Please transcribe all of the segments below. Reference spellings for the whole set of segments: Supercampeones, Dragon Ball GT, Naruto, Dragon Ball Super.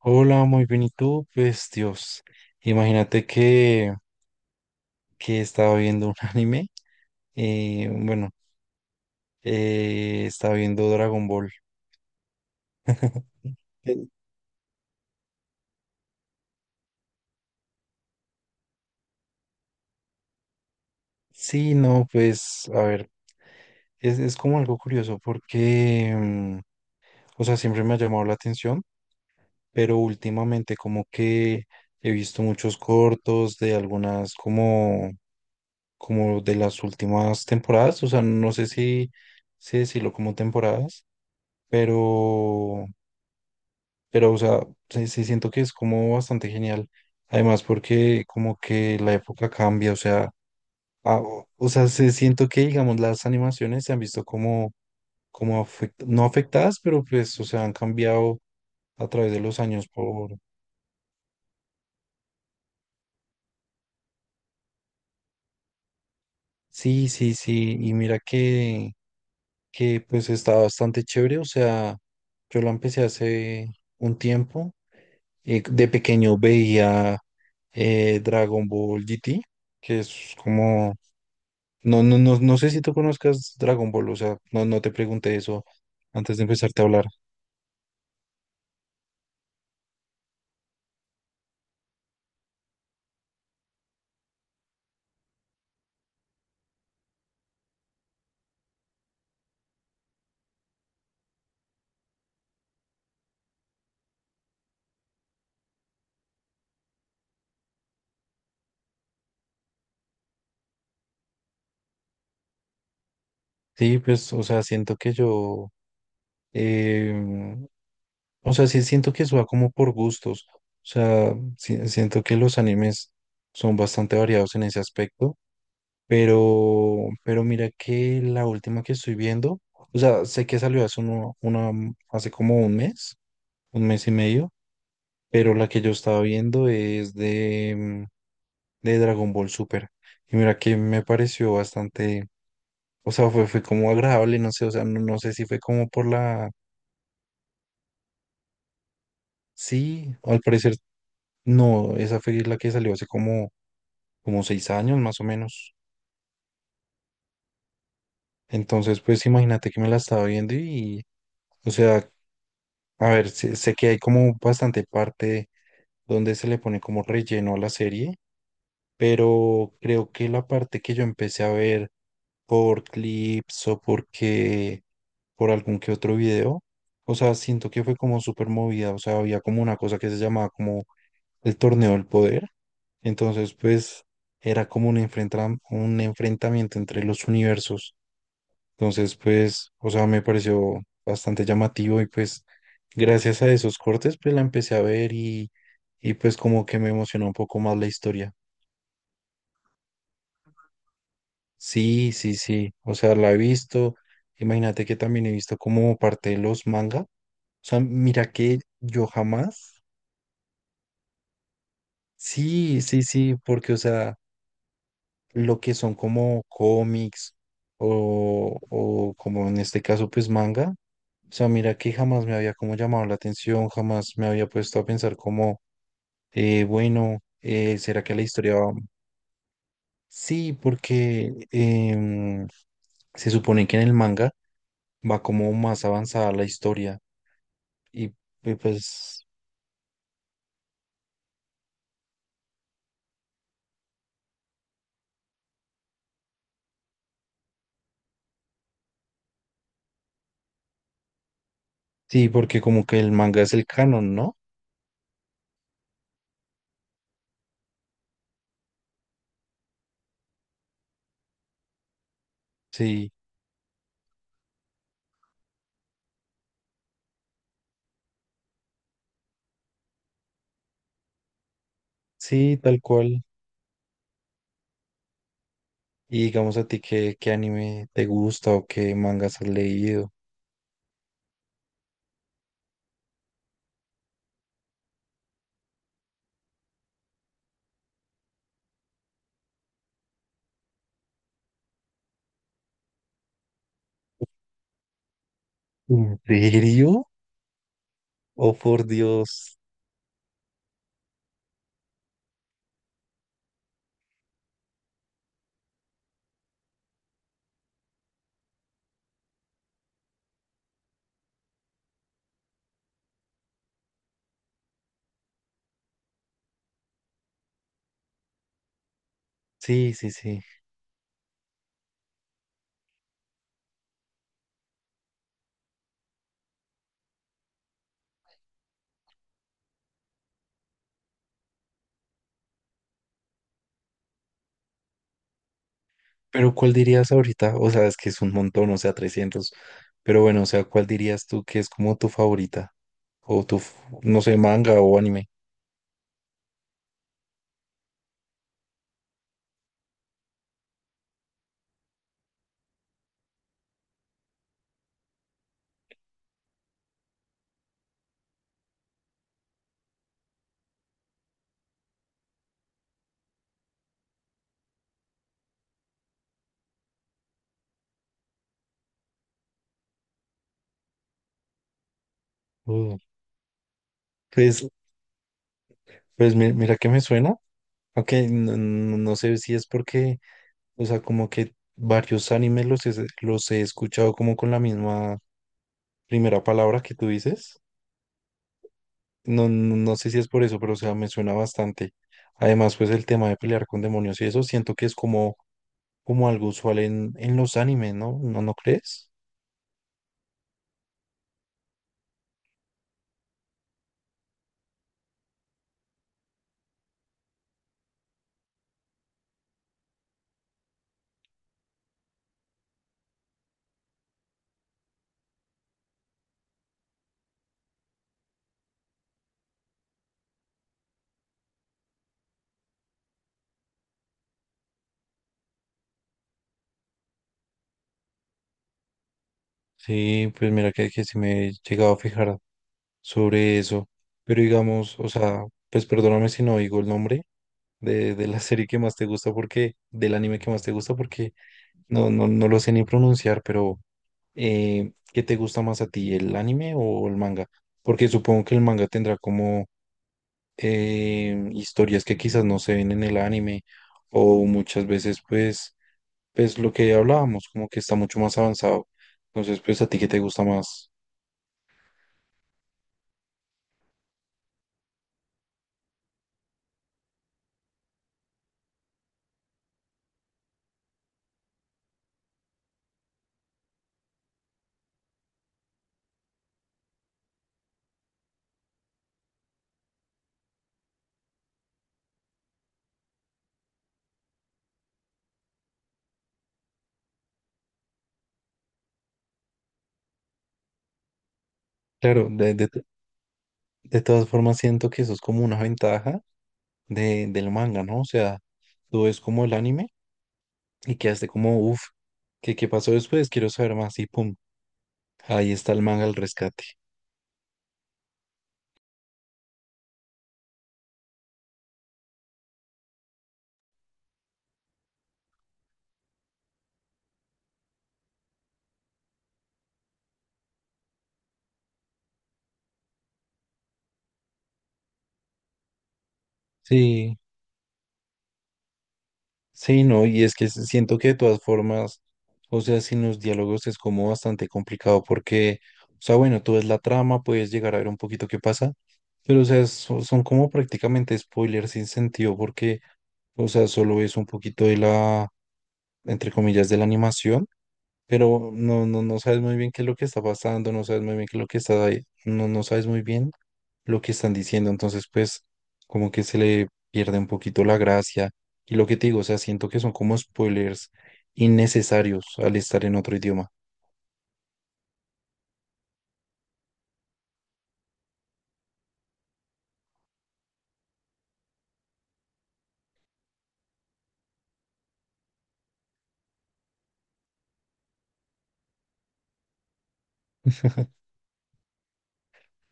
Hola, muy bien, ¿y tú? Pues Dios, imagínate que estaba viendo un anime, eh, bueno, estaba viendo Dragon Ball. Eh, Sí, no, pues a ver, es como algo curioso porque, o sea, siempre me ha llamado la atención, pero últimamente como que he visto muchos cortos de algunas como, como de las últimas temporadas, o sea, no sé si decirlo como temporadas pero. Pero, o sea, sí siento que es como bastante genial. Además, porque como que la época cambia, o sea, o sea, se siento que, digamos, las animaciones se han visto como, no afectadas, pero pues, o sea, han cambiado a través de los años por… sí, y mira que pues está bastante chévere, o sea, yo la empecé hace un tiempo, de pequeño veía Dragon Ball GT, que es como… No, no, no, no sé si tú conozcas Dragon Ball, o sea, no, no te pregunté eso antes de empezarte a hablar. Sí, pues, o sea, siento que yo, em, o sea, sí siento que eso va como por gustos, o sea, siento que los animes son bastante variados en ese aspecto, pero mira que la última que estoy viendo, o sea, sé que salió hace hace como 1 mes, 1 mes y medio, pero la que yo estaba viendo es de Dragon Ball Super. Y mira que me pareció bastante, o sea, fue como agradable, no sé, o sea, no, no sé si fue como por la, sí, al parecer no, esa fue la que salió hace como, como 6 años más o menos. Entonces, pues imagínate que me la estaba viendo y, o sea, a ver, sé que hay como bastante parte donde se le pone como relleno a la serie, pero creo que la parte que yo empecé a ver por clips o porque por algún que otro video. O sea, siento que fue como súper movida. O sea, había como una cosa que se llamaba como el torneo del poder. Entonces, pues era como un enfrentamiento entre los universos. Entonces, pues, o sea, me pareció bastante llamativo y pues gracias a esos cortes, pues la empecé a ver y pues como que me emocionó un poco más la historia. Sí, sí, sí. O sea, la he visto. Imagínate que también he visto como parte de los manga. O sea, mira que yo jamás. Sí, sí, sí, porque, o sea, lo que son como cómics o como en este caso, pues manga. O sea, mira que jamás me había como llamado la atención, jamás me había puesto a pensar como, bueno, ¿será que la historia va? Sí, porque se supone que en el manga va como más avanzada la historia. Y, y pues sí, porque como que el manga es el canon, ¿no? Sí, sí, tal cual. Y digamos a ti qué anime te gusta o qué mangas has leído. ¿En serio? Oh, por Dios. Sí, sí, sí. Pero ¿cuál dirías ahorita? O sea, es que es un montón, o sea, 300. Pero bueno, o sea, ¿cuál dirías tú que es como tu favorita? O tu, no sé, manga o anime. Uh, pues, pues mira que me suena. Ok, no, no sé si es porque, o sea, como que varios animes los he escuchado como con la misma primera palabra que tú dices. No, no, no sé si es por eso, pero o sea, me suena bastante. Además, pues el tema de pelear con demonios y eso siento que es como, como algo usual en los animes, ¿no? ¿No, no crees? Sí, pues mira que sí me he llegado a fijar sobre eso. Pero digamos, o sea, pues perdóname si no digo el nombre de la serie que más te gusta porque, del anime que más te gusta porque. No, no, no lo sé ni pronunciar, pero ¿qué te gusta más a ti, el anime o el manga? Porque supongo que el manga tendrá como historias que quizás no se ven en el anime o muchas veces pues, pues lo que hablábamos, como que está mucho más avanzado. Entonces, pues a ti, ¿qué te gusta más? Claro, de todas formas siento que eso es como una ventaja del manga, ¿no? O sea, tú ves como el anime y quedaste como, uff, ¿qué, qué pasó después? Quiero saber más y pum. Ahí está el man al rescate. Sí, sí, no, y es que siento que de todas formas, o sea, sin los diálogos es como bastante complicado porque, o sea, bueno, tú ves la trama, puedes llegar a ver un poquito qué pasa, pero, o sea, son, como prácticamente spoilers sin sentido porque, o sea, solo ves un poquito de la, entre comillas, de la animación. Pero no, no, no sabes muy bien qué es lo que está pasando, no sabes muy bien qué es lo que está ahí, no, no sabes muy bien lo que están diciendo, entonces pues como que se le pierde un poquito la gracia y lo que te digo, o sea, siento que son como spoilers innecesarios al estar en otro idioma.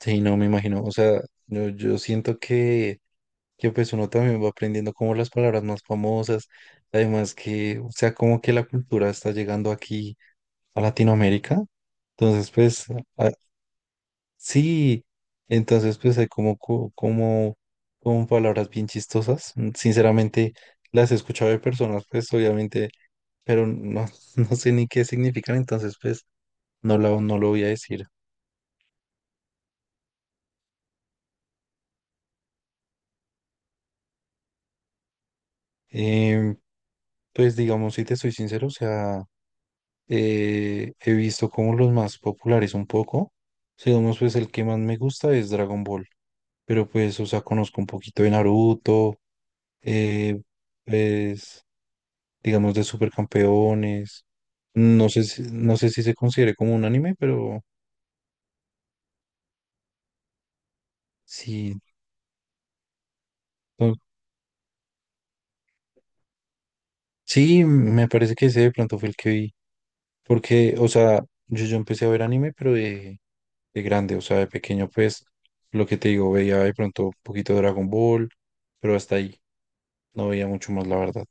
Sí, no me imagino, o sea, yo siento que… que pues uno también va aprendiendo como las palabras más famosas, además que, o sea, como que la cultura está llegando aquí a Latinoamérica, entonces pues a- sí, entonces pues hay como, como palabras bien chistosas. Mm, sinceramente las he escuchado de personas pues obviamente, pero no, no sé ni qué significan, entonces pues no, no lo voy a decir. Em, pues digamos, si te soy sincero, o sea… he visto como los más populares un poco. O digamos, pues el que más me gusta es Dragon Ball. Pero pues, o sea, conozco un poquito de Naruto, eh, pues, digamos, de Supercampeones. No sé si, no sé si se considere como un anime, pero sí. no- sí, me parece que ese de pronto fue el que vi. Porque, o sea, yo empecé a ver anime, pero de grande, o sea, de pequeño, pues, lo que te digo, veía de pronto un poquito de Dragon Ball, pero hasta ahí. No veía mucho más, la verdad.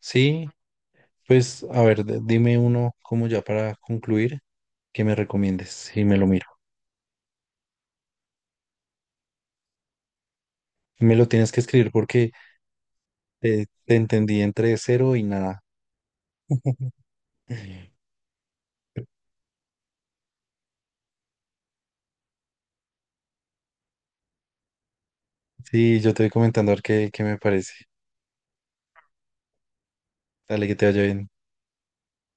Sí, pues a ver, dime uno como ya para concluir, que me recomiendes y me lo miro. Me lo tienes que escribir porque te entendí entre cero y nada. Sí, yo te voy comentando a ver qué me parece. Dale, que te vaya bien.